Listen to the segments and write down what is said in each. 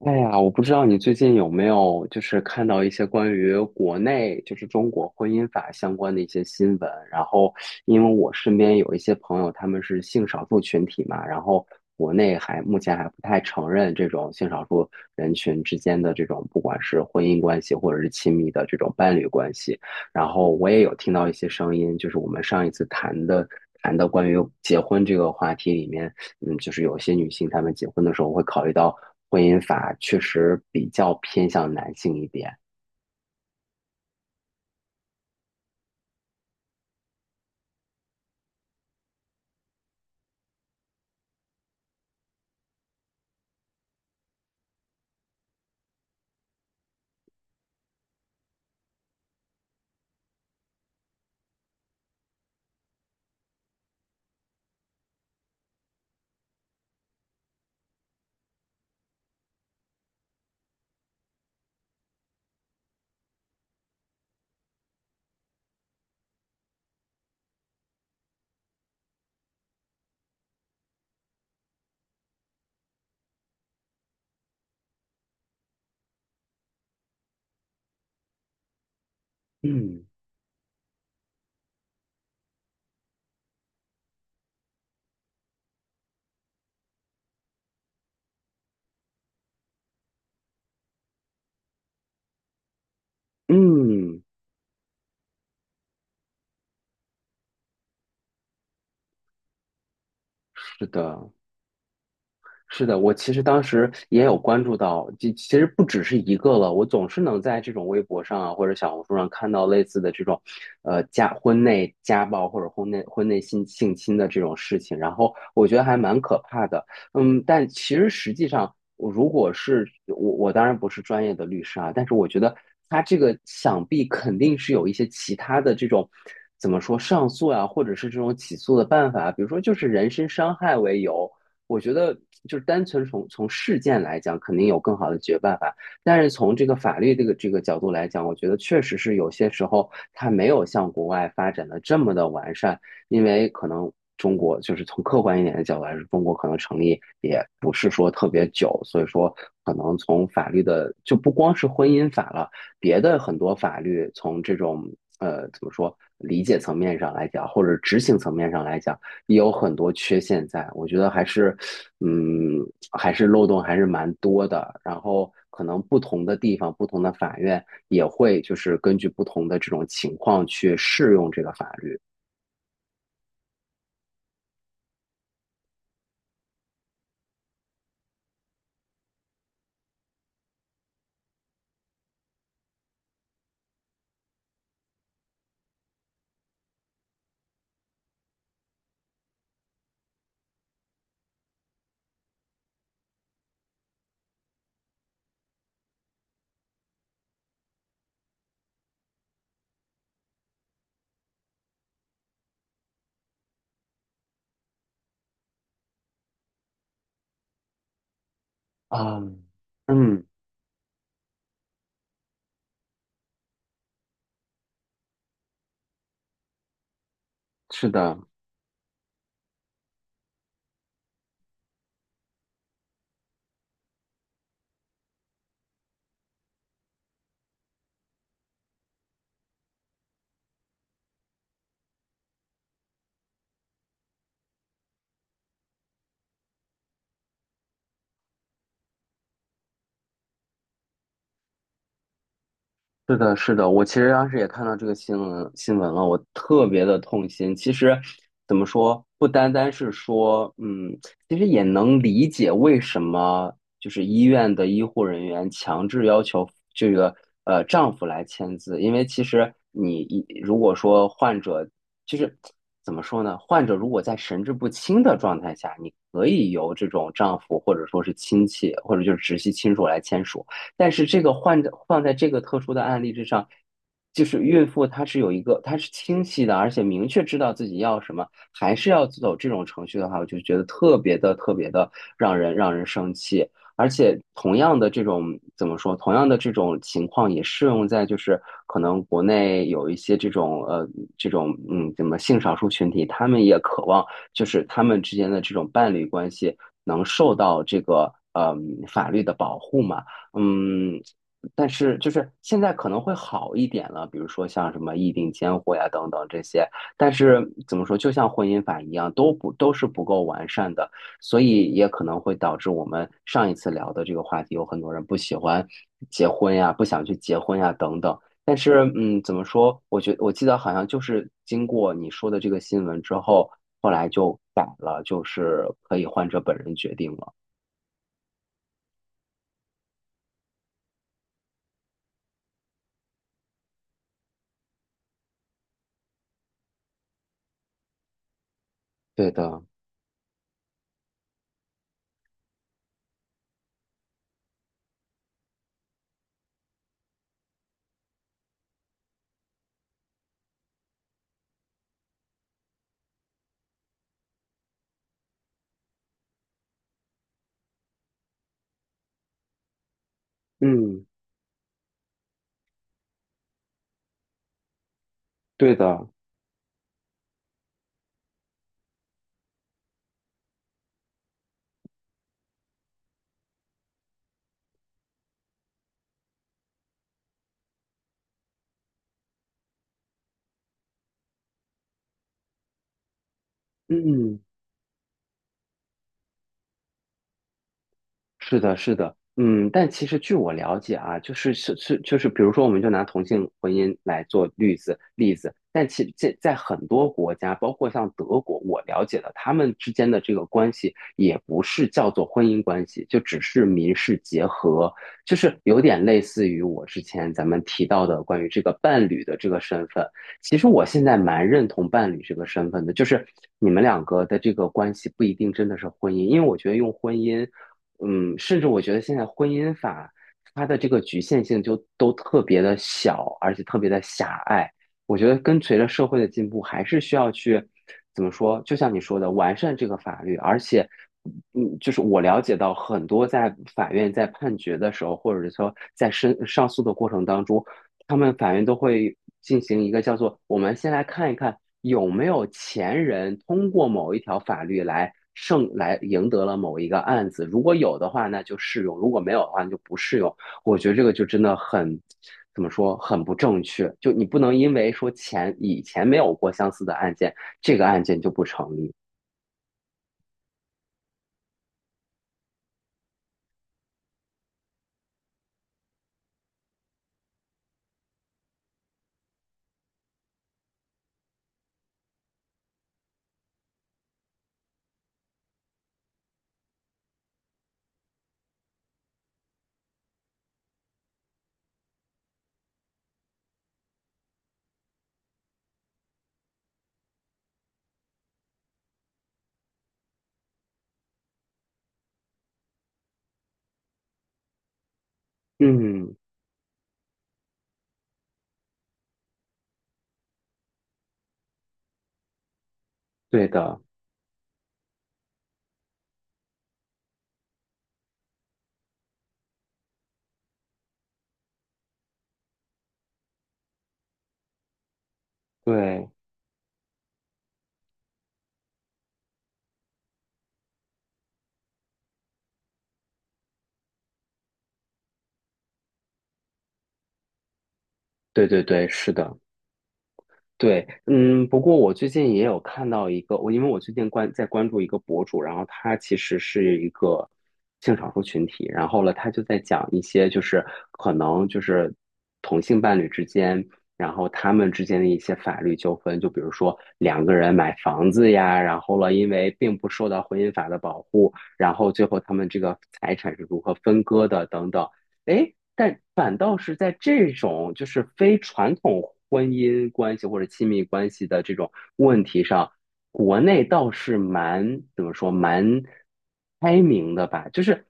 哎呀，我不知道你最近有没有看到一些关于国内中国婚姻法相关的一些新闻。然后，因为我身边有一些朋友，他们是性少数群体嘛，然后国内目前还不太承认这种性少数人群之间的这种不管是婚姻关系或者是亲密的这种伴侣关系。然后我也有听到一些声音，就是我们上一次谈的关于结婚这个话题里面。嗯，就是有些女性她们结婚的时候会考虑到婚姻法确实比较偏向男性一点。嗯，嗯，是的，是的，我其实当时也有关注到，其实不只是一个了，我总是能在这种微博上啊或者小红书上看到类似的这种，婚内家暴或者婚内性侵的这种事情，然后我觉得还蛮可怕的。嗯，但其实实际上，如果是我,我当然不是专业的律师啊，但是我觉得他这个想必肯定是有一些其他的这种。怎么说上诉啊，或者是这种起诉的办法，比如说就是人身伤害为由，我觉得就是单纯从事件来讲，肯定有更好的解决办法。但是从这个法律这个角度来讲，我觉得确实是有些时候它没有像国外发展的这么的完善，因为可能中国就是从客观一点的角度来说，中国可能成立也不是说特别久，所以说可能从法律的就不光是婚姻法了，别的很多法律从这种怎么说理解层面上来讲，或者执行层面上来讲。也有很多缺陷在，我觉得还是，嗯，还是漏洞还是蛮多的。然后可能不同的地方、不同的法院也会就是根据不同的这种情况去适用这个法律。啊，嗯，是的，是的，是的，我其实当时也看到这个新闻了，我特别的痛心。其实怎么说，不单单是说，嗯，其实也能理解为什么就是医院的医护人员强制要求这个丈夫来签字，因为其实如果说患者就是怎么说呢，患者如果在神志不清的状态下，你可以由这种丈夫或者说是亲戚或者就是直系亲属来签署。但是这个换着放在这个特殊的案例之上，就是孕妇她是有一个，她是清晰的，而且明确知道自己要什么，还是要走这种程序的话，我就觉得特别的特别的让人生气。而且同样的这种怎么说，同样的这种情况也适用在就是可能国内有一些这种这种怎么性少数群体，他们也渴望就是他们之间的这种伴侣关系能受到这个法律的保护嘛。嗯，但是就是现在可能会好一点了，比如说像什么议定监护呀等等这些，但是怎么说，就像婚姻法一样，都是不够完善的，所以也可能会导致我们上一次聊的这个话题，有很多人不喜欢结婚呀，不想去结婚呀等等。但是，嗯，怎么说？我记得好像就是经过你说的这个新闻之后，后来就改了，就是可以患者本人决定了。对的，嗯，对的。嗯，是的，是的，嗯，但其实据我了解啊，就是，比如说，我们就拿同性婚姻来做例子，但其这在很多国家，包括像德国，我了解的，他们之间的这个关系也不是叫做婚姻关系，就只是民事结合，就是有点类似于我之前咱们提到的关于这个伴侣的这个身份。其实我现在蛮认同伴侣这个身份的，就是你们两个的这个关系不一定真的是婚姻，因为我觉得用婚姻。嗯，甚至我觉得现在婚姻法它的这个局限性都特别的小，而且特别的狭隘。我觉得跟随着社会的进步，还是需要去怎么说？就像你说的，完善这个法律。而且，嗯，就是我了解到很多在法院在判决的时候，或者说在上诉的过程当中，他们法院都会进行一个叫做“我们先来看一看有没有前人通过某一条法律来赢得了某一个案子，如果有的话，那就适用；如果没有的话，那就不适用。”我觉得这个就真的很怎么说，很不正确。就你不能因为说以前没有过相似的案件，这个案件就不成立。嗯，对的，对，对对对，是的。对，嗯，不过我最近也有看到一个，我因为我最近关注一个博主，然后他其实是一个性少数群体，然后他就在讲一些就是可能就是同性伴侣之间，然后他们之间的一些法律纠纷，就比如说两个人买房子呀，然后因为并不受到婚姻法的保护，然后最后他们这个财产是如何分割的等等，诶，但反倒是在这种就是非传统婚姻关系或者亲密关系的这种问题上，国内倒是蛮怎么说蛮开明的吧？就是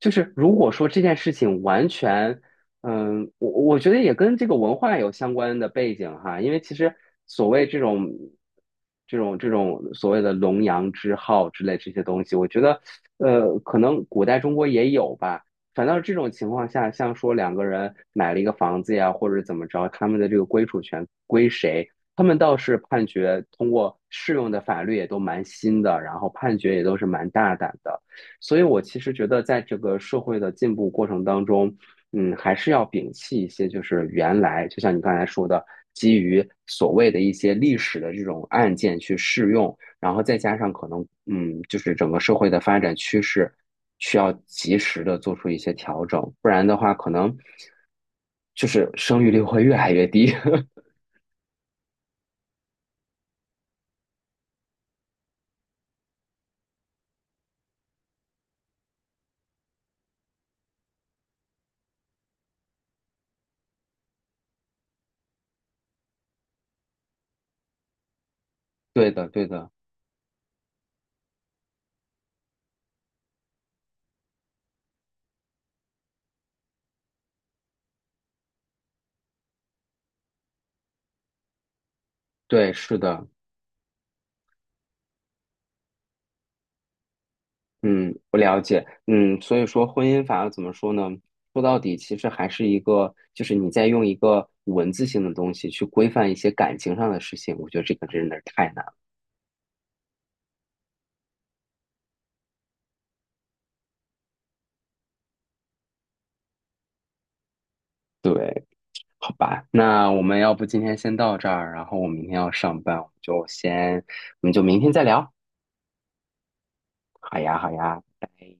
就是如果说这件事情完全，嗯，我我觉得也跟这个文化有相关的背景哈，因为其实所谓这种这种所谓的龙阳之好之类这些东西，我觉得可能古代中国也有吧。反倒是这种情况下，像说两个人买了一个房子呀，或者怎么着，他们的这个归属权归谁？他们倒是判决通过适用的法律也都蛮新的，然后判决也都是蛮大胆的。所以我其实觉得，在这个社会的进步过程当中，嗯，还是要摒弃一些就是原来，就像你刚才说的，基于所谓的一些历史的这种案件去适用，然后再加上可能，嗯，就是整个社会的发展趋势需要及时的做出一些调整，不然的话，可能就是生育率会越来越低。对的，对的，对，是的，嗯，我了解，嗯，所以说婚姻法怎么说呢？说到底，其实还是一个，就是你在用一个文字性的东西去规范一些感情上的事情，我觉得这个真的是太难了。对。好吧，那我们要不今天先到这儿，然后我明天要上班，我们就先，我们就明天再聊。好呀，好呀，拜拜。